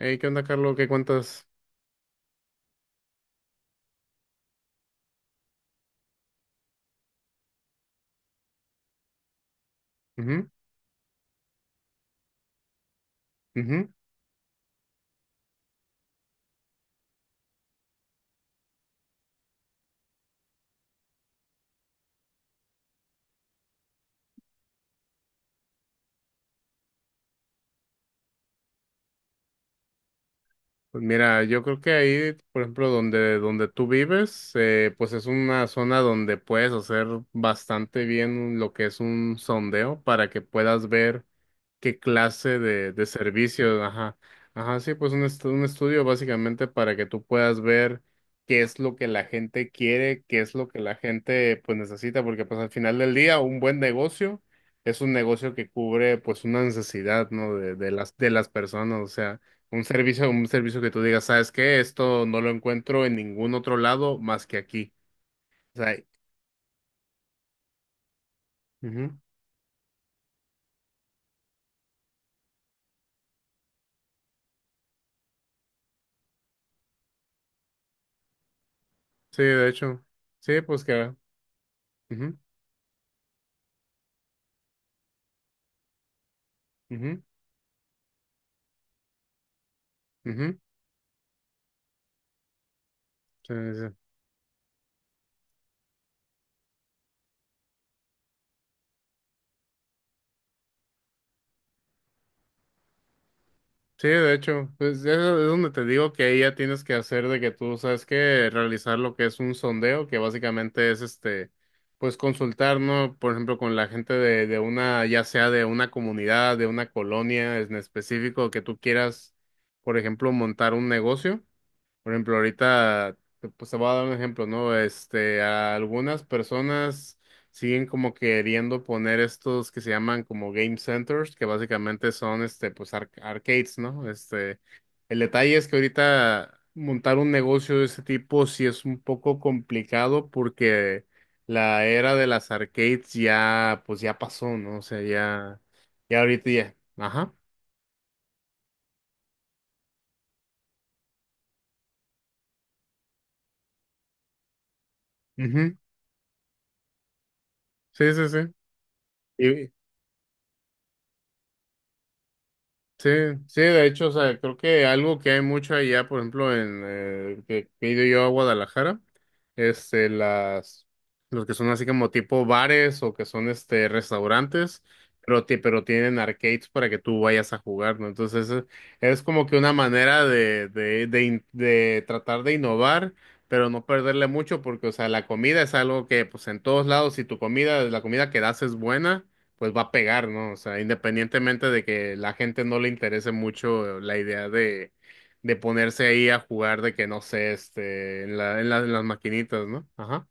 Hey, ¿qué onda, Carlos? ¿Qué cuentas? Ujú, ujú. Pues mira, yo creo que ahí, por ejemplo, donde tú vives, pues es una zona donde puedes hacer bastante bien lo que es un sondeo para que puedas ver qué clase de servicios, ajá, ajá. Sí, pues un estudio básicamente para que tú puedas ver qué es lo que la gente quiere, qué es lo que la gente pues necesita, porque pues al final del día un buen negocio es un negocio que cubre pues una necesidad, ¿no? De las personas, o sea, un servicio que tú digas, ¿sabes qué? Esto no lo encuentro en ningún otro lado más que aquí. O sea, ujú. Sí, de hecho, sí, pues que, ujú, ujú, ujú, sí, sí, sí. Sí, de hecho, pues eso es donde te digo que ahí ya tienes que hacer de que tú sabes que realizar lo que es un sondeo, que básicamente es pues consultar, ¿no? Por ejemplo, con la gente de una, ya sea de una comunidad, de una colonia en específico, que tú quieras, por ejemplo, montar un negocio. Por ejemplo, ahorita, pues te voy a dar un ejemplo, ¿no? A algunas personas siguen como queriendo poner estos que se llaman como game centers, que básicamente son, pues arcades, ¿no? El detalle es que ahorita montar un negocio de ese tipo sí es un poco complicado porque la era de las arcades ya, pues ya pasó, ¿no? O sea, ya, ya ahorita ya, ajá. Ujú, sí, sí, sí. Sí, sí, de hecho, o sea, creo que algo que hay mucho allá, por ejemplo, en que he ido yo a Guadalajara, este, las, los que son así como tipo bares o que son restaurantes, pero, pero tienen arcades para que tú vayas a jugar, ¿no? Entonces, es como que una manera de tratar de innovar, pero no perderle mucho, porque, o sea, la comida es algo que, pues, en todos lados, si tu comida, la comida que das es buena, pues va a pegar, ¿no? O sea, independientemente de que la gente no le interese mucho la idea de ponerse ahí a jugar de que no sé, en la, en las maquinitas, ¿no? Ajá.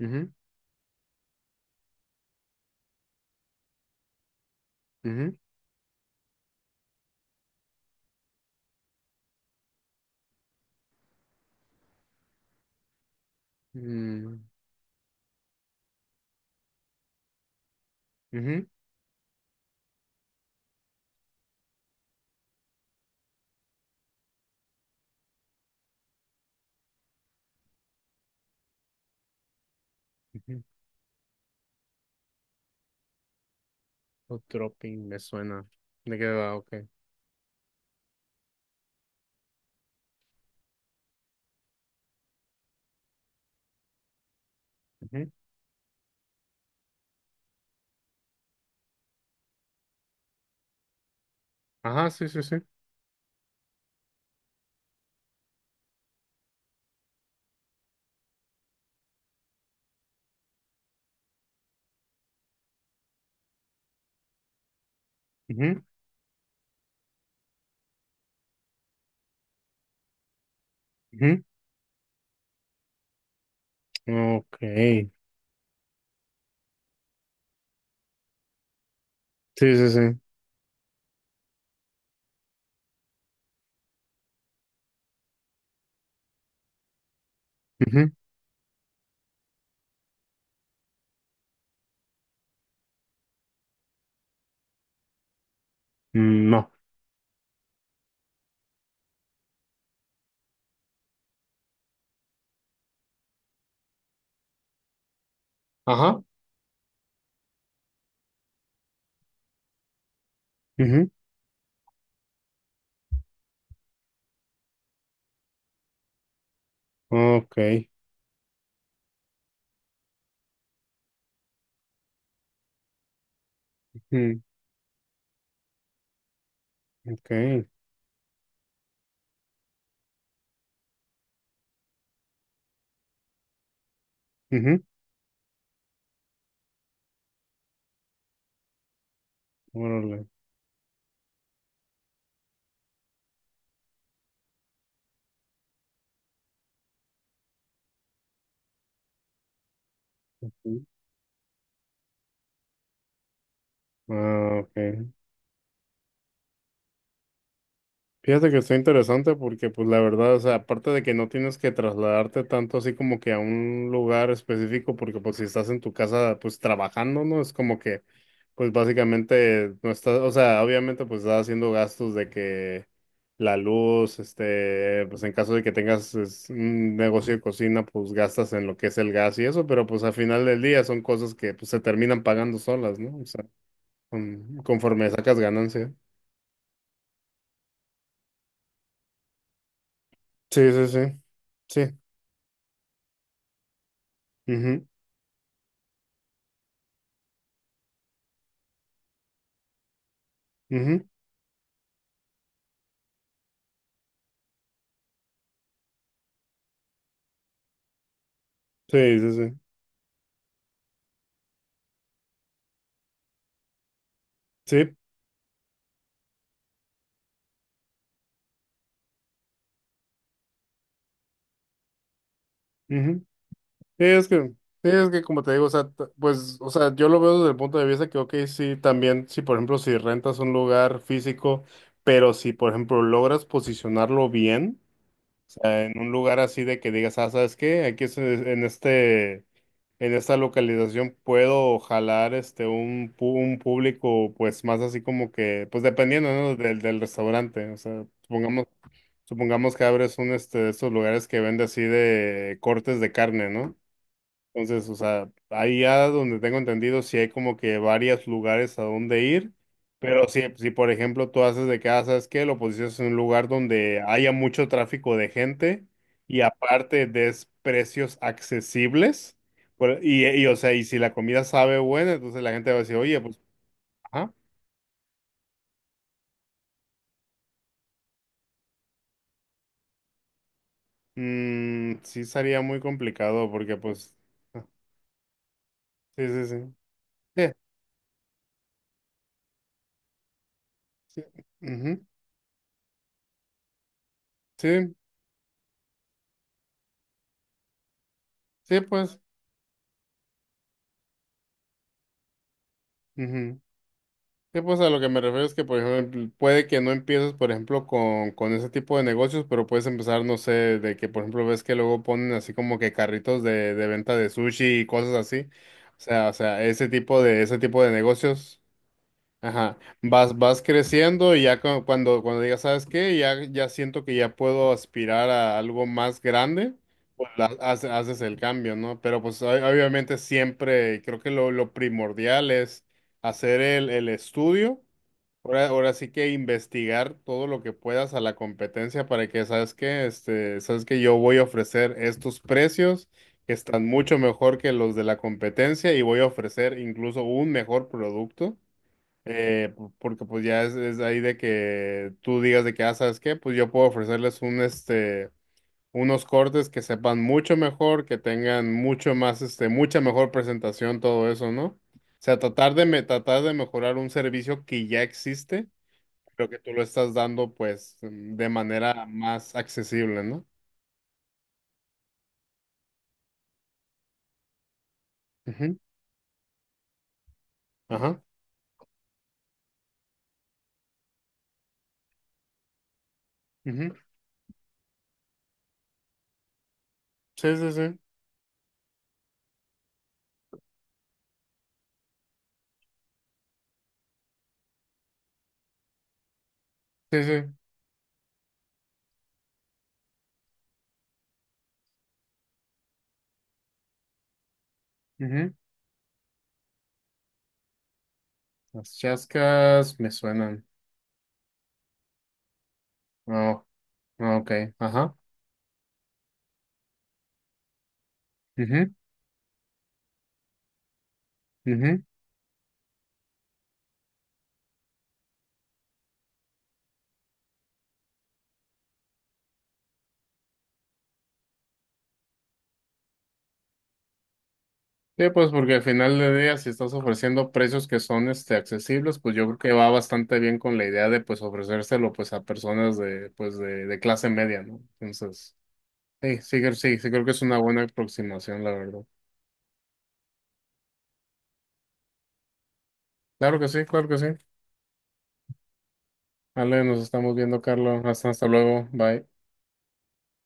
Ujú, ujú, mm, ujú, ujú. O Tropping me suena. ¿De qué va? Ok. Ujú. Ajá, sí, sí, sí. Ujú, ujú. Ok. Sí, sí, sí. Ujú. Mm, no. Ajá. Ujú. Ok. Ujú, ok. Ujú. Órale. Ujú. Ah, ok. Fíjate que está interesante porque, pues, la verdad, o sea, aparte de que no tienes que trasladarte tanto así como que a un lugar específico, porque, pues, si estás en tu casa, pues, trabajando, ¿no? Es como que, pues, básicamente no estás, o sea, obviamente, pues, estás haciendo gastos de que la luz, pues, en caso de que tengas es, un negocio de cocina, pues, gastas en lo que es el gas y eso, pero, pues, al final del día son cosas que, pues, se terminan pagando solas, ¿no? O sea, conforme sacas ganancia. Sí, sí, sí. Sí. Ujú. Ujú, sí, sí, sí. Sí, ujú. Sí, es que, sí, es que como te digo, o sea, pues, o sea, yo lo veo desde el punto de vista que, ok, sí, también, si por ejemplo, si rentas un lugar físico, pero si por ejemplo logras posicionarlo bien. Sea, en un lugar así de que digas, ah, ¿sabes qué? Aquí es en esta localización puedo jalar un, un público, pues más así como que, pues dependiendo, ¿no? Del restaurante. O sea, supongamos, supongamos que abres un este de estos lugares que vende así de cortes de carne, ¿no? Entonces, o sea, ahí ya donde tengo entendido, sí hay como que varios lugares a donde ir, pero si por ejemplo tú haces de casa, ¿sabes qué? Lo posicionas en un lugar donde haya mucho tráfico de gente y aparte des precios accesibles, pues, o sea, y si la comida sabe buena, entonces la gente va a decir, oye, pues, ajá, mm, sí sería muy complicado porque pues, ah, sí, sí, sí, sí, sí, ujú, sí, sí, pues, ujú. Sí, pues a lo que me refiero es que, por ejemplo, puede que no empieces, por ejemplo, con ese tipo de negocios, pero puedes empezar, no sé, de que, por ejemplo, ves que luego ponen así como que carritos de venta de sushi y cosas así. O sea, ese tipo de negocios. Ajá, vas, vas creciendo y ya cuando digas, ¿sabes qué? Ya, ya siento que ya puedo aspirar a algo más grande, pues haces el cambio, ¿no? Pero pues obviamente siempre creo que lo primordial es hacer el estudio, ahora sí que investigar todo lo que puedas a la competencia para que, ¿sabes qué? ¿Sabes que yo voy a ofrecer estos precios que están mucho mejor que los de la competencia y voy a ofrecer incluso un mejor producto? Porque pues ya es ahí de que tú digas de que, ah, ¿sabes qué? Pues yo puedo ofrecerles un, unos cortes que sepan mucho mejor, que tengan mucho más, mucha mejor presentación, todo eso, ¿no? O sea, tratar de, tratar de mejorar un servicio que ya existe, pero que tú lo estás dando, pues, mm, de manera más accesible, ¿no? Ujú, ajá, ujú. Sí, sí, sí. Sí, sí, ujú. Las chascas me suenan. Oh, ok. Ajá. Ujú, ujú. Sí, pues porque al final del día, si estás ofreciendo precios que son accesibles, pues yo creo que va bastante bien con la idea de pues ofrecérselo pues a personas de pues de clase media, ¿no? Entonces, sí, sí, sí, sí creo que es una buena aproximación, la verdad. Claro que sí, claro que sí. Vale, nos estamos viendo, Carlos. Hasta, hasta luego. Bye.